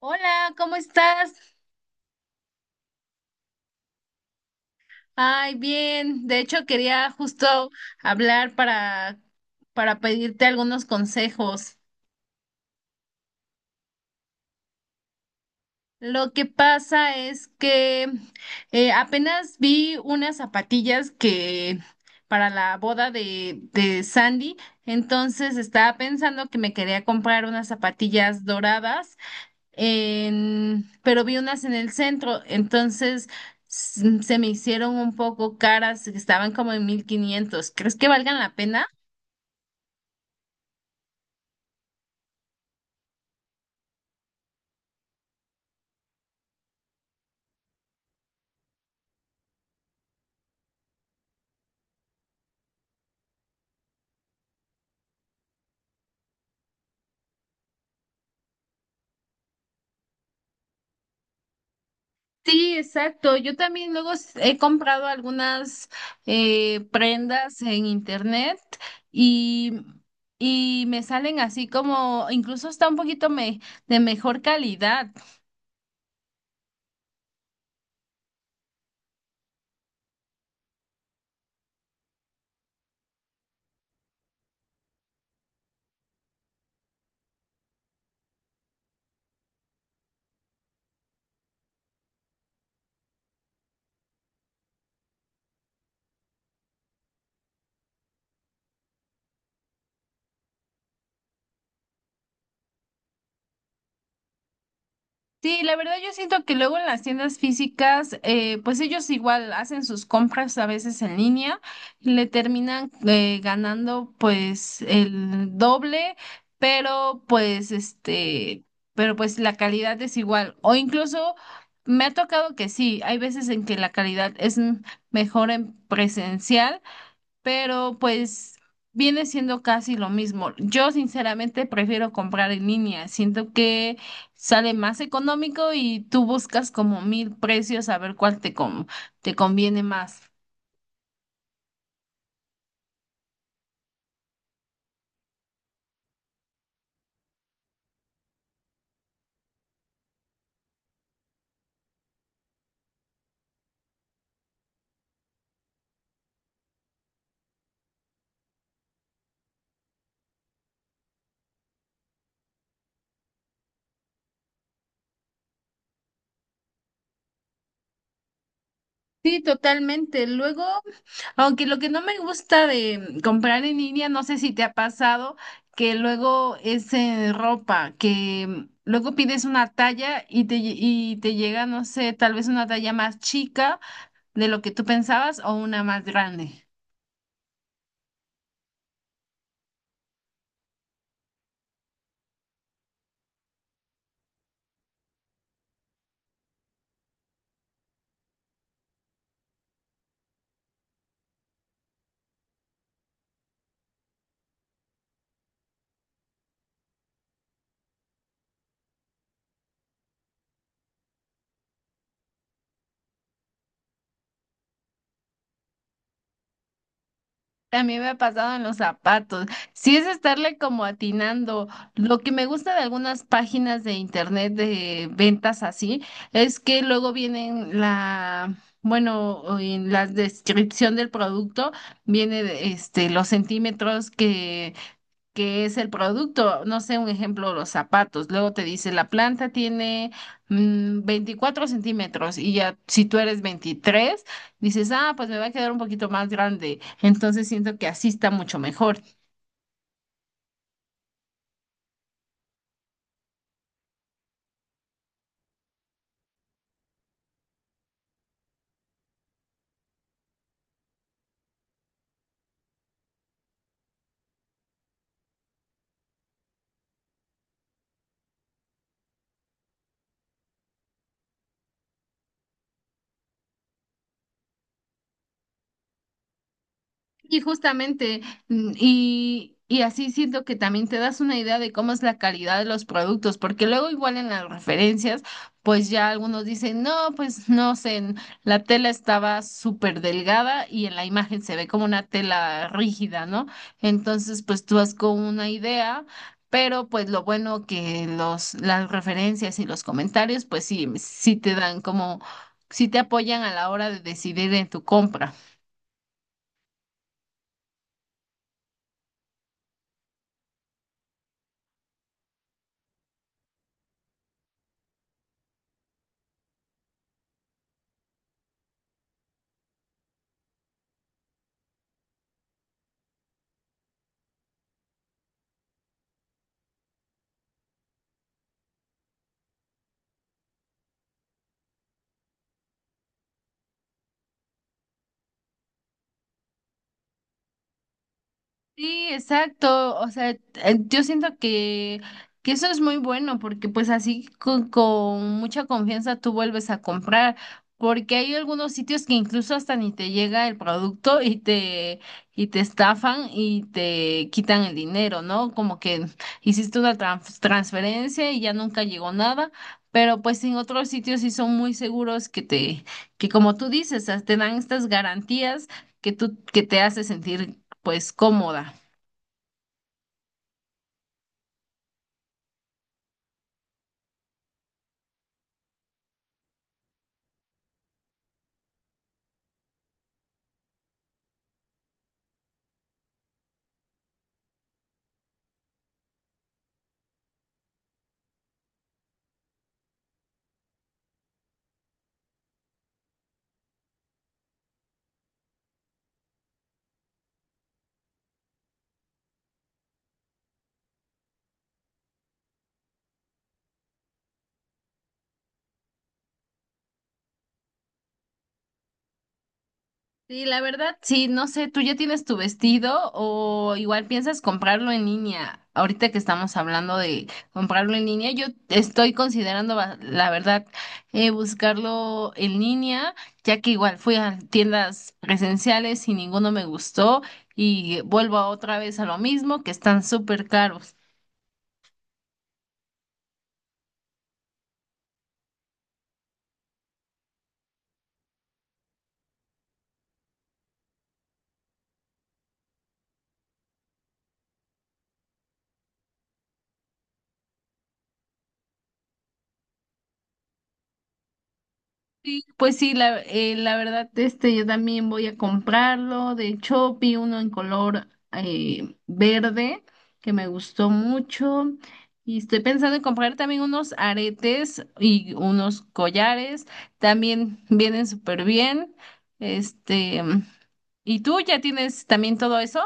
Hola, ¿cómo estás? Ay, bien. De hecho, quería justo hablar para pedirte algunos consejos. Lo que pasa es que apenas vi unas zapatillas que para la boda de Sandy, entonces estaba pensando que me quería comprar unas zapatillas doradas pero vi unas en el centro, entonces se me hicieron un poco caras, estaban como en 1,500. ¿Crees que valgan la pena? Sí, exacto. Yo también luego he comprado algunas prendas en internet y, y me salen así como, incluso está un poquito de mejor calidad. Sí, la verdad yo siento que luego en las tiendas físicas, pues ellos igual hacen sus compras a veces en línea, le terminan ganando pues el doble, pero pues este, pero pues la calidad es igual. O incluso me ha tocado que sí, hay veces en que la calidad es mejor en presencial pero pues viene siendo casi lo mismo. Yo sinceramente prefiero comprar en línea, siento que sale más económico y tú buscas como mil precios a ver cuál te conviene más. Sí, totalmente. Luego, aunque lo que no me gusta de comprar en línea, no sé si te ha pasado, que luego es en ropa, que luego pides una talla y y te llega, no sé, tal vez una talla más chica de lo que tú pensabas o una más grande. También me ha pasado en los zapatos. Sí es estarle como atinando. Lo que me gusta de algunas páginas de internet de ventas así es que luego vienen bueno, o en la descripción del producto viene de, este los centímetros que es el producto, no sé, un ejemplo, los zapatos. Luego te dice, la planta tiene 24 centímetros y ya si tú eres 23 dices, ah, pues me va a quedar un poquito más grande. Entonces siento que así está mucho mejor. Y justamente, y así siento que también te das una idea de cómo es la calidad de los productos, porque luego igual en las referencias, pues ya algunos dicen, no, pues no sé, la tela estaba súper delgada y en la imagen se ve como una tela rígida, ¿no? Entonces, pues tú vas con una idea. Pero pues lo bueno que las referencias y los comentarios, pues sí, sí te dan como, sí te apoyan a la hora de decidir en tu compra. Sí, exacto. O sea, yo siento que eso es muy bueno porque pues así con mucha confianza tú vuelves a comprar porque hay algunos sitios que incluso hasta ni te llega el producto y y te estafan y te quitan el dinero, ¿no? Como que hiciste una transferencia y ya nunca llegó nada, pero pues en otros sitios sí son muy seguros que que como tú dices, te dan estas garantías que que te hace sentir pues cómoda. Sí, la verdad, sí, no sé, ¿tú ya tienes tu vestido o igual piensas comprarlo en línea? Ahorita que estamos hablando de comprarlo en línea, yo estoy considerando, la verdad, buscarlo en línea, ya que igual fui a tiendas presenciales y ninguno me gustó y vuelvo otra vez a lo mismo, que están súper caros. Sí, pues sí, la verdad, este, yo también voy a comprarlo. De hecho, vi uno en color verde que me gustó mucho. Y estoy pensando en comprar también unos aretes y unos collares. También vienen súper bien. Este, ¿y tú ya tienes también todo eso?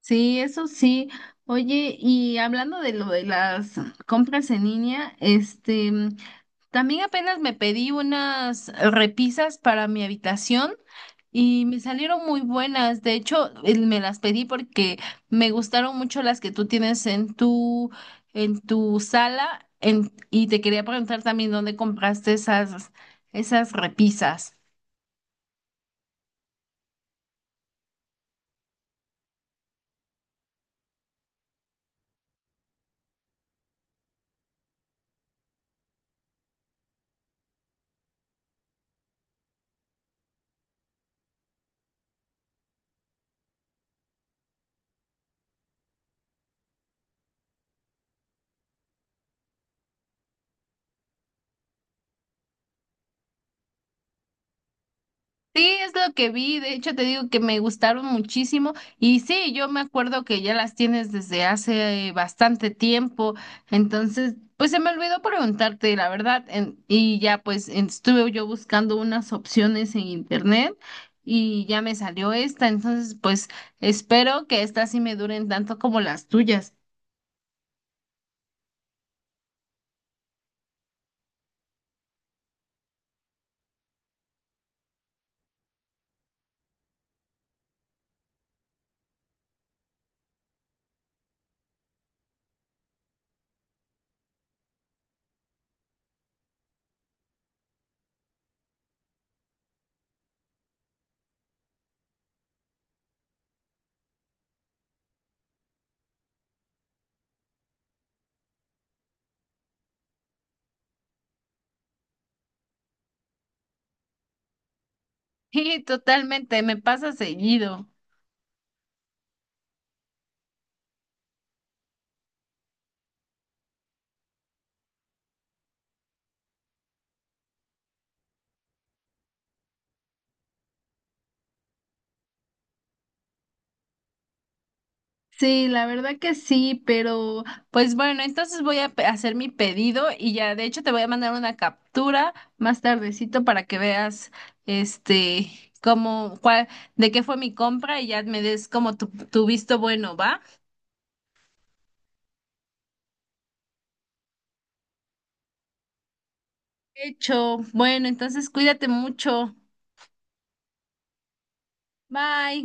Sí, eso sí. Oye, y hablando de lo de las compras en línea, este. También apenas me pedí unas repisas para mi habitación y me salieron muy buenas. De hecho, me las pedí porque me gustaron mucho las que tú tienes en en tu sala y te quería preguntar también dónde compraste esas repisas. Sí, es lo que vi, de hecho te digo que me gustaron muchísimo y sí, yo me acuerdo que ya las tienes desde hace bastante tiempo, entonces pues se me olvidó preguntarte la verdad y ya pues estuve yo buscando unas opciones en internet y ya me salió esta, entonces pues espero que estas sí me duren tanto como las tuyas. Sí, totalmente, me pasa seguido. Sí, la verdad que sí, pero pues bueno, entonces voy a hacer mi pedido y ya, de hecho te voy a mandar una captura más tardecito para que veas este cómo cuál de qué fue mi compra y ya me des como tu visto bueno, ¿va? Hecho. Bueno, entonces cuídate mucho. Bye.